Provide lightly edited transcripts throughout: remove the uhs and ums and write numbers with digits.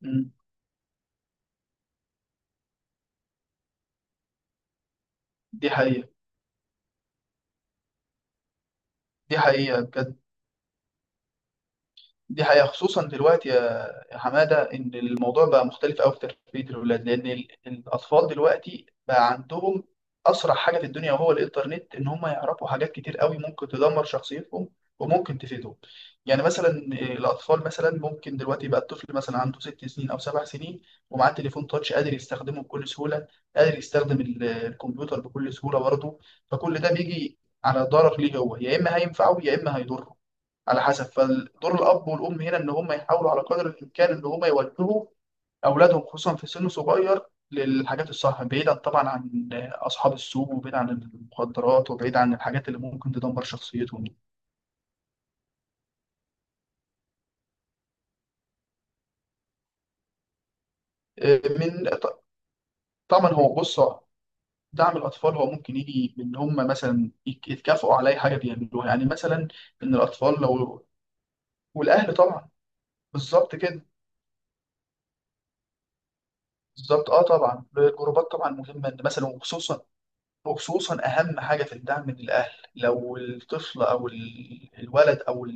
مم. دي حقيقة. دي حقيقة بجد. دي حقيقة خصوصا دلوقتي يا حمادة، إن الموضوع بقى مختلف أوي في تربية الأولاد، لأن الأطفال دلوقتي بقى عندهم أسرع حاجة في الدنيا وهو الإنترنت، إن هم يعرفوا حاجات كتير أوي ممكن تدمر شخصيتهم وممكن تفيدهم. يعني مثلا الأطفال مثلا ممكن دلوقتي بقى الطفل مثلا عنده 6 سنين أو 7 سنين ومعاه تليفون تاتش قادر يستخدمه بكل سهولة، قادر يستخدم الكمبيوتر بكل سهولة برضه. فكل ده بيجي على ضرر ليه، هو يا إما هينفعه يا إما هيضره على حسب. فدور الاب والام هنا ان هم يحاولوا على قدر الامكان ان هم يوجهوا اولادهم خصوصا في سن صغير للحاجات الصح، بعيدا طبعا عن اصحاب السوق وبعيد عن المخدرات وبعيد عن الحاجات اللي ممكن تدمر شخصيتهم. آه، من ط- طبعا هو بص، دعم الاطفال هو ممكن يجي من هم مثلا يتكافئوا على اي حاجه بيعملوها، يعني مثلا ان الاطفال لو. والاهل طبعا. بالظبط كده. بالظبط اه، طبعا الجروبات طبعا مهمه، إن مثلا وخصوصا أهم حاجة في الدعم من الأهل، لو الطفل أو الولد أو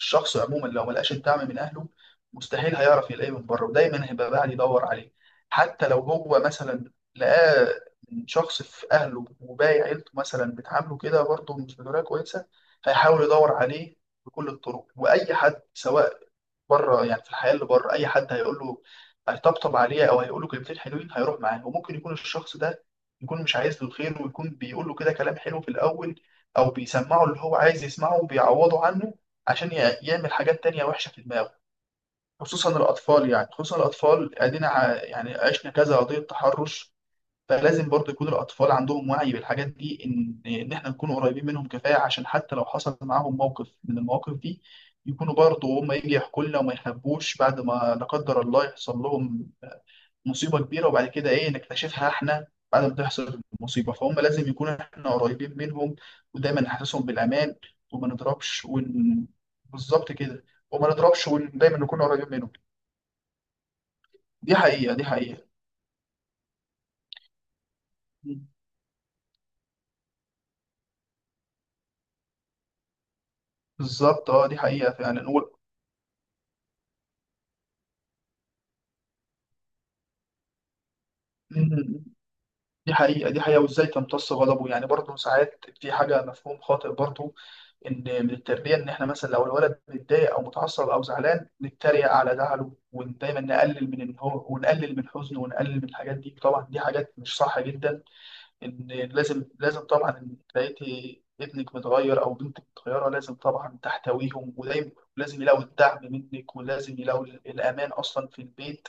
الشخص عموما لو ملقاش الدعم من أهله مستحيل هيعرف يلاقيه من بره، ودايما هيبقى قاعد يدور عليه. حتى لو هو مثلا لقاه من شخص في أهله وباقي عيلته مثلا بتعامله كده برضه مش بطريقة كويسة، هيحاول يدور عليه بكل الطرق. وأي حد سواء بره، يعني في الحياه اللي بره اي حد هيقول له هيطبطب عليه او هيقول له كلمتين حلوين هيروح معاه، وممكن يكون الشخص ده يكون مش عايز له الخير، ويكون بيقول له كده كلام حلو في الاول، او بيسمعه اللي هو عايز يسمعه وبيعوضه عنه عشان يعمل حاجات تانية وحشه في دماغه. خصوصا الاطفال، يعني خصوصا الاطفال، ادينا يعني عشنا كذا قضيه تحرش. فلازم برضو يكون الأطفال عندهم وعي بالحاجات دي، إن إحنا نكون قريبين منهم كفاية عشان حتى لو حصل معاهم موقف من المواقف دي يكونوا برضو هم يجي يحكوا لنا وما يخبوش. بعد ما لا قدر الله يحصل لهم مصيبة كبيرة وبعد كده إيه نكتشفها إحنا بعد ما تحصل المصيبة، فهم لازم يكون إحنا قريبين منهم ودايما نحسسهم بالأمان. وما نضربش بالظبط كده. وما نضربش ودايما نكون قريبين منهم. دي حقيقة دي حقيقة. بالظبط اه، دي حقيقة فعلا. و... دي حقيقة دي حقيقة. وازاي تمتص غضبه، يعني برضه ساعات في حاجة مفهوم خاطئ برضه، ان من التربية ان احنا مثلا لو الولد متضايق او متعصب او زعلان نتريق على زعله، ودايما نقلل من ان هو، ونقلل من حزنه، ونقلل من الحاجات دي. طبعا دي حاجات مش صح جدا. ان لازم، لازم طبعا ان لقيتي ابنك متغير او بنتك متغيره لازم طبعا تحتويهم، ودايما لازم يلاقوا الدعم منك، ولازم يلاقوا الامان اصلا في البيت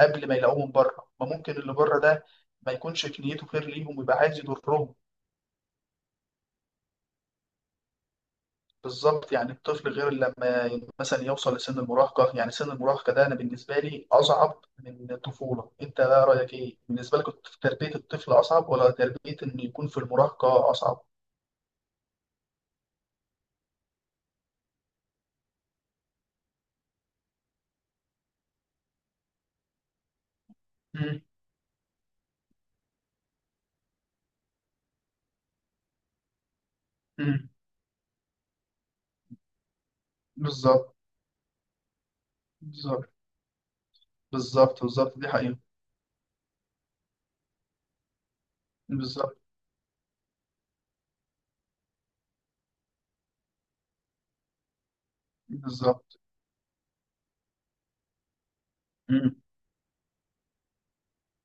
قبل ما يلاقوه من بره. ما ممكن اللي بره ده ما يكونش في نيته خير ليهم ويبقى عايز يضرهم. بالظبط. يعني الطفل غير لما مثلا يوصل لسن المراهقه. يعني سن المراهقه ده انا بالنسبه لي اصعب من الطفوله. انت بقى رايك ايه بالنسبه لك، تربيه الطفل اصعب ولا تربيه انه يكون في المراهقه اصعب؟ مم. بالظبط بالظبط. بالظبط بالظبط دي حقيقة. بالظبط. بالظبط. مم.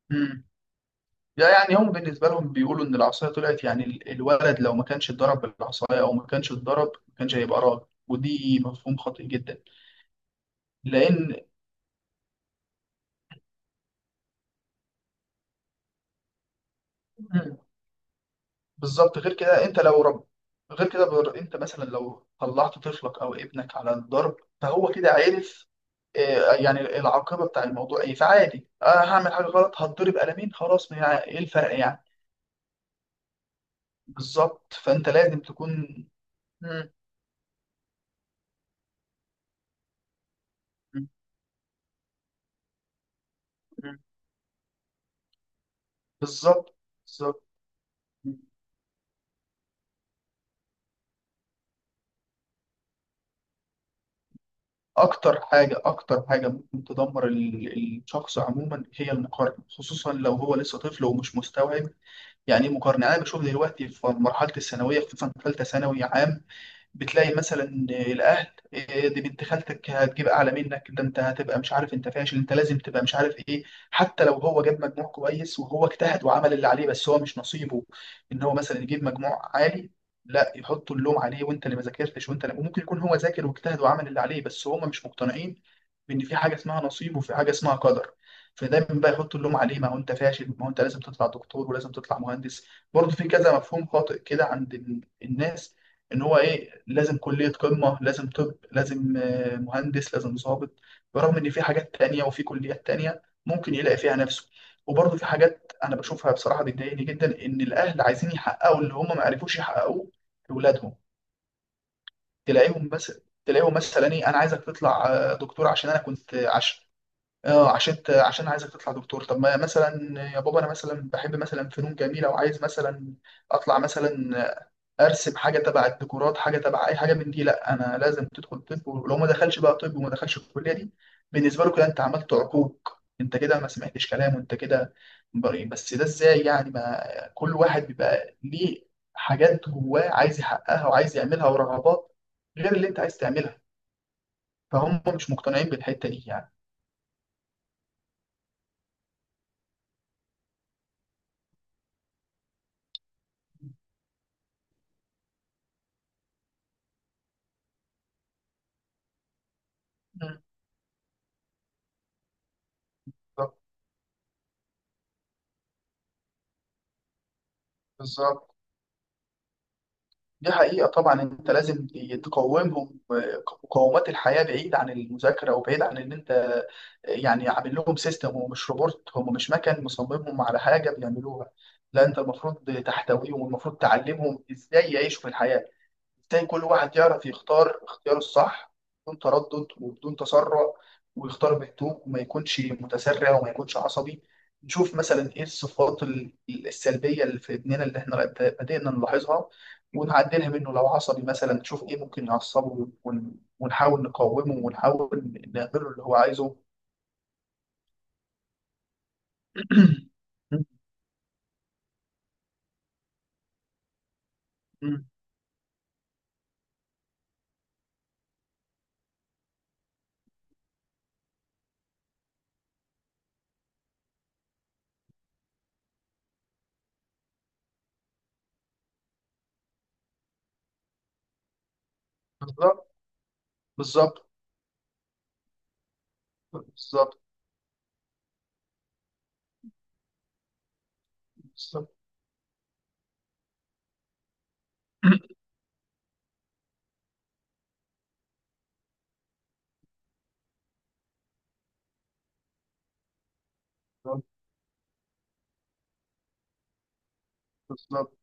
مم. لا يعني هم بالنسبة لهم بيقولوا إن العصاية طلعت، يعني الولد لو ما كانش اتضرب بالعصاية أو ما كانش اتضرب ما كانش هيبقى راجل، ودي مفهوم خاطئ جدا. لأن. مم. بالظبط. غير كده أنت لو رب. غير كده بر... أنت مثلا لو طلعت طفلك أو ابنك على الضرب فهو كده عرف، يعني العاقبة بتاع الموضوع إيه. فعادي، أنا هعمل حاجة غلط هتضرب قلمين خلاص، ما يعني إيه الفرق يعني. بالظبط فانت لازم تكون. مم. مم. مم. بالظبط. بالظبط. اكتر حاجه اكتر حاجه ممكن تدمر الشخص عموما هي المقارنه، خصوصا لو هو لسه طفل ومش مستوعب يعني ايه مقارنه. انا بشوف دلوقتي في مرحله الثانويه خصوصا ثالثه ثانوي عام بتلاقي مثلا الاهل: إيه دي بنت خالتك هتجيب اعلى منك، ده انت هتبقى مش عارف، انت فاشل، انت لازم تبقى مش عارف ايه. حتى لو هو جاب مجموع كويس وهو اجتهد وعمل اللي عليه بس هو مش نصيبه ان هو مثلا يجيب مجموع عالي، لا يحطوا اللوم عليه، وانت اللي ما ذاكرتش، وانت اللي. وممكن يكون هو ذاكر واجتهد وعمل اللي عليه بس هم مش مقتنعين بان في حاجه اسمها نصيب وفي حاجه اسمها قدر. فدايما بقى يحط اللوم عليه: ما هو انت فاشل، ما هو انت لازم تطلع دكتور، ولازم تطلع مهندس. برضه في كذا مفهوم خاطئ كده عند الناس، ان هو ايه لازم كليه قمه، لازم طب، لازم مهندس، لازم ضابط. برغم ان في حاجات تانية وفي كليات تانية ممكن يلاقي فيها نفسه. وبرضه في حاجات انا بشوفها بصراحه بتضايقني جدا، ان الاهل عايزين يحققوا اللي هم ما عرفوش يحققوه لاولادهم. تلاقيهم بس تلاقيهم مثلا: ايه انا عايزك تطلع دكتور عشان انا كنت، عشان. اه عشان عشان عايزك تطلع دكتور طب. ما مثلا يا بابا انا مثلا بحب مثلا فنون جميله وعايز مثلا اطلع مثلا ارسم حاجه تبع الديكورات، حاجه تبع اي حاجه من دي. لا انا لازم تدخل طب، ولو ما دخلش بقى طب وما دخلش الكليه دي بالنسبه له كده انت عملت عقوق، انت كده ما سمعتش كلام، وانت كده بريء. بس ده ازاي يعني؟ ما كل واحد بيبقى ليه حاجات جواه عايز يحققها وعايز يعملها ورغبات غير اللي انت عايز تعملها. فهم مش مقتنعين بالحته دي يعني. مم. بالظبط. بالظبط دي حقيقة. طبعا انت لازم تقومهم مقومات الحياة بعيد عن المذاكرة، وبعيد عن ان انت يعني عامل لهم سيستم ومش روبوت. هم مش مكان مصممهم على حاجة بيعملوها، لا انت المفروض تحتويهم والمفروض تعلمهم ازاي يعيشوا في الحياة، تلاقي كل واحد يعرف يختار اختياره الصح بدون تردد وبدون تسرع، ويختار بهدوء وما يكونش متسرع وما يكونش عصبي. نشوف مثلا ايه الصفات السلبية اللي في ابننا اللي احنا بدأنا نلاحظها ونعدلها منه. لو عصبي مثلا نشوف ايه ممكن يعصبه، ونحاول نقاومه ونحاول نعمله اللي هو عايزه. بالظبط. بالظبط. بالظبط. بالظبط. بالظبط.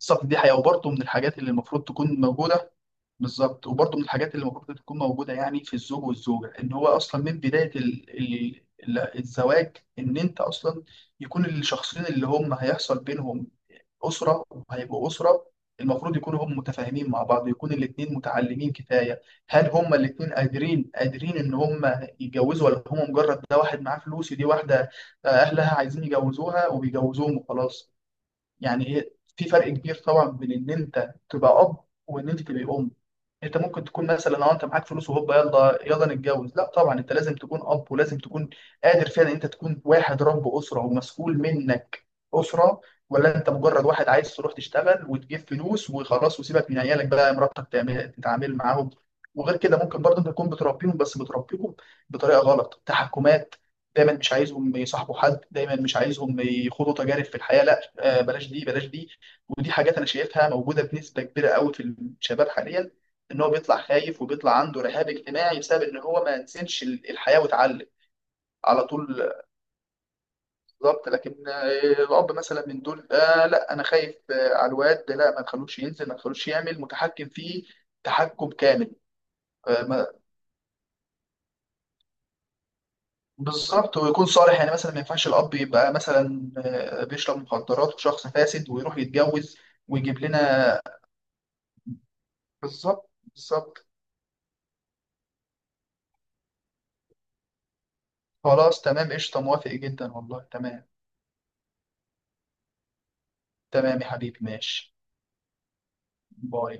بالظبط دي حقيقة. وبرضه من الحاجات اللي المفروض تكون موجودة. بالظبط وبرضه من الحاجات اللي المفروض تكون موجودة يعني في الزوج والزوجة، إن هو أصلا من بداية الزواج، إن أنت أصلا يكون الشخصين اللي هم هيحصل بينهم أسرة وهيبقوا أسرة، المفروض يكونوا هم متفاهمين مع بعض، يكون الاتنين متعلمين كفاية. هل هم الاتنين قادرين، قادرين إن هم يتجوزوا، ولا هم مجرد ده واحد معاه فلوس ودي واحدة أهلها عايزين يجوزوها وبيجوزوهم وخلاص؟ يعني في فرق كبير طبعا بين إن أنت تبقى أب وإن أنت تبقى أم. انت ممكن تكون مثلا لو انت معاك فلوس وهوبا يلا يلا نتجوز، لا طبعا انت لازم تكون اب، ولازم تكون قادر فعلا انت تكون واحد رب اسره ومسؤول منك اسره، ولا انت مجرد واحد عايز تروح تشتغل وتجيب فلوس وخلاص وسيبك من عيالك بقى مراتك تعمل تتعامل معاهم. وغير كده ممكن برضه انت تكون بتربيهم بس بتربيهم بطريقه غلط، تحكمات، دايما مش عايزهم يصاحبوا حد، دايما مش عايزهم يخوضوا تجارب في الحياه، لا بلاش دي بلاش دي. ودي حاجات انا شايفها موجوده بنسبه كبيره قوي في الشباب حاليا، ان هو بيطلع خايف وبيطلع عنده رهاب اجتماعي بسبب ان هو ما نسيتش الحياه واتعلم على طول. بالظبط لكن الاب مثلا من دول آه لا انا خايف على الواد ده، لا ما تخلوش ينزل، ما تخلوش يعمل، متحكم فيه تحكم كامل. آه، ما- بالظبط. ويكون صالح، يعني مثلا ما ينفعش الاب يبقى مثلا بيشرب مخدرات وشخص فاسد ويروح يتجوز ويجيب لنا. بالظبط بالظبط. خلاص تمام قشطه، موافق جدا والله، تمام. تمام يا حبيبي، ماشي. باي.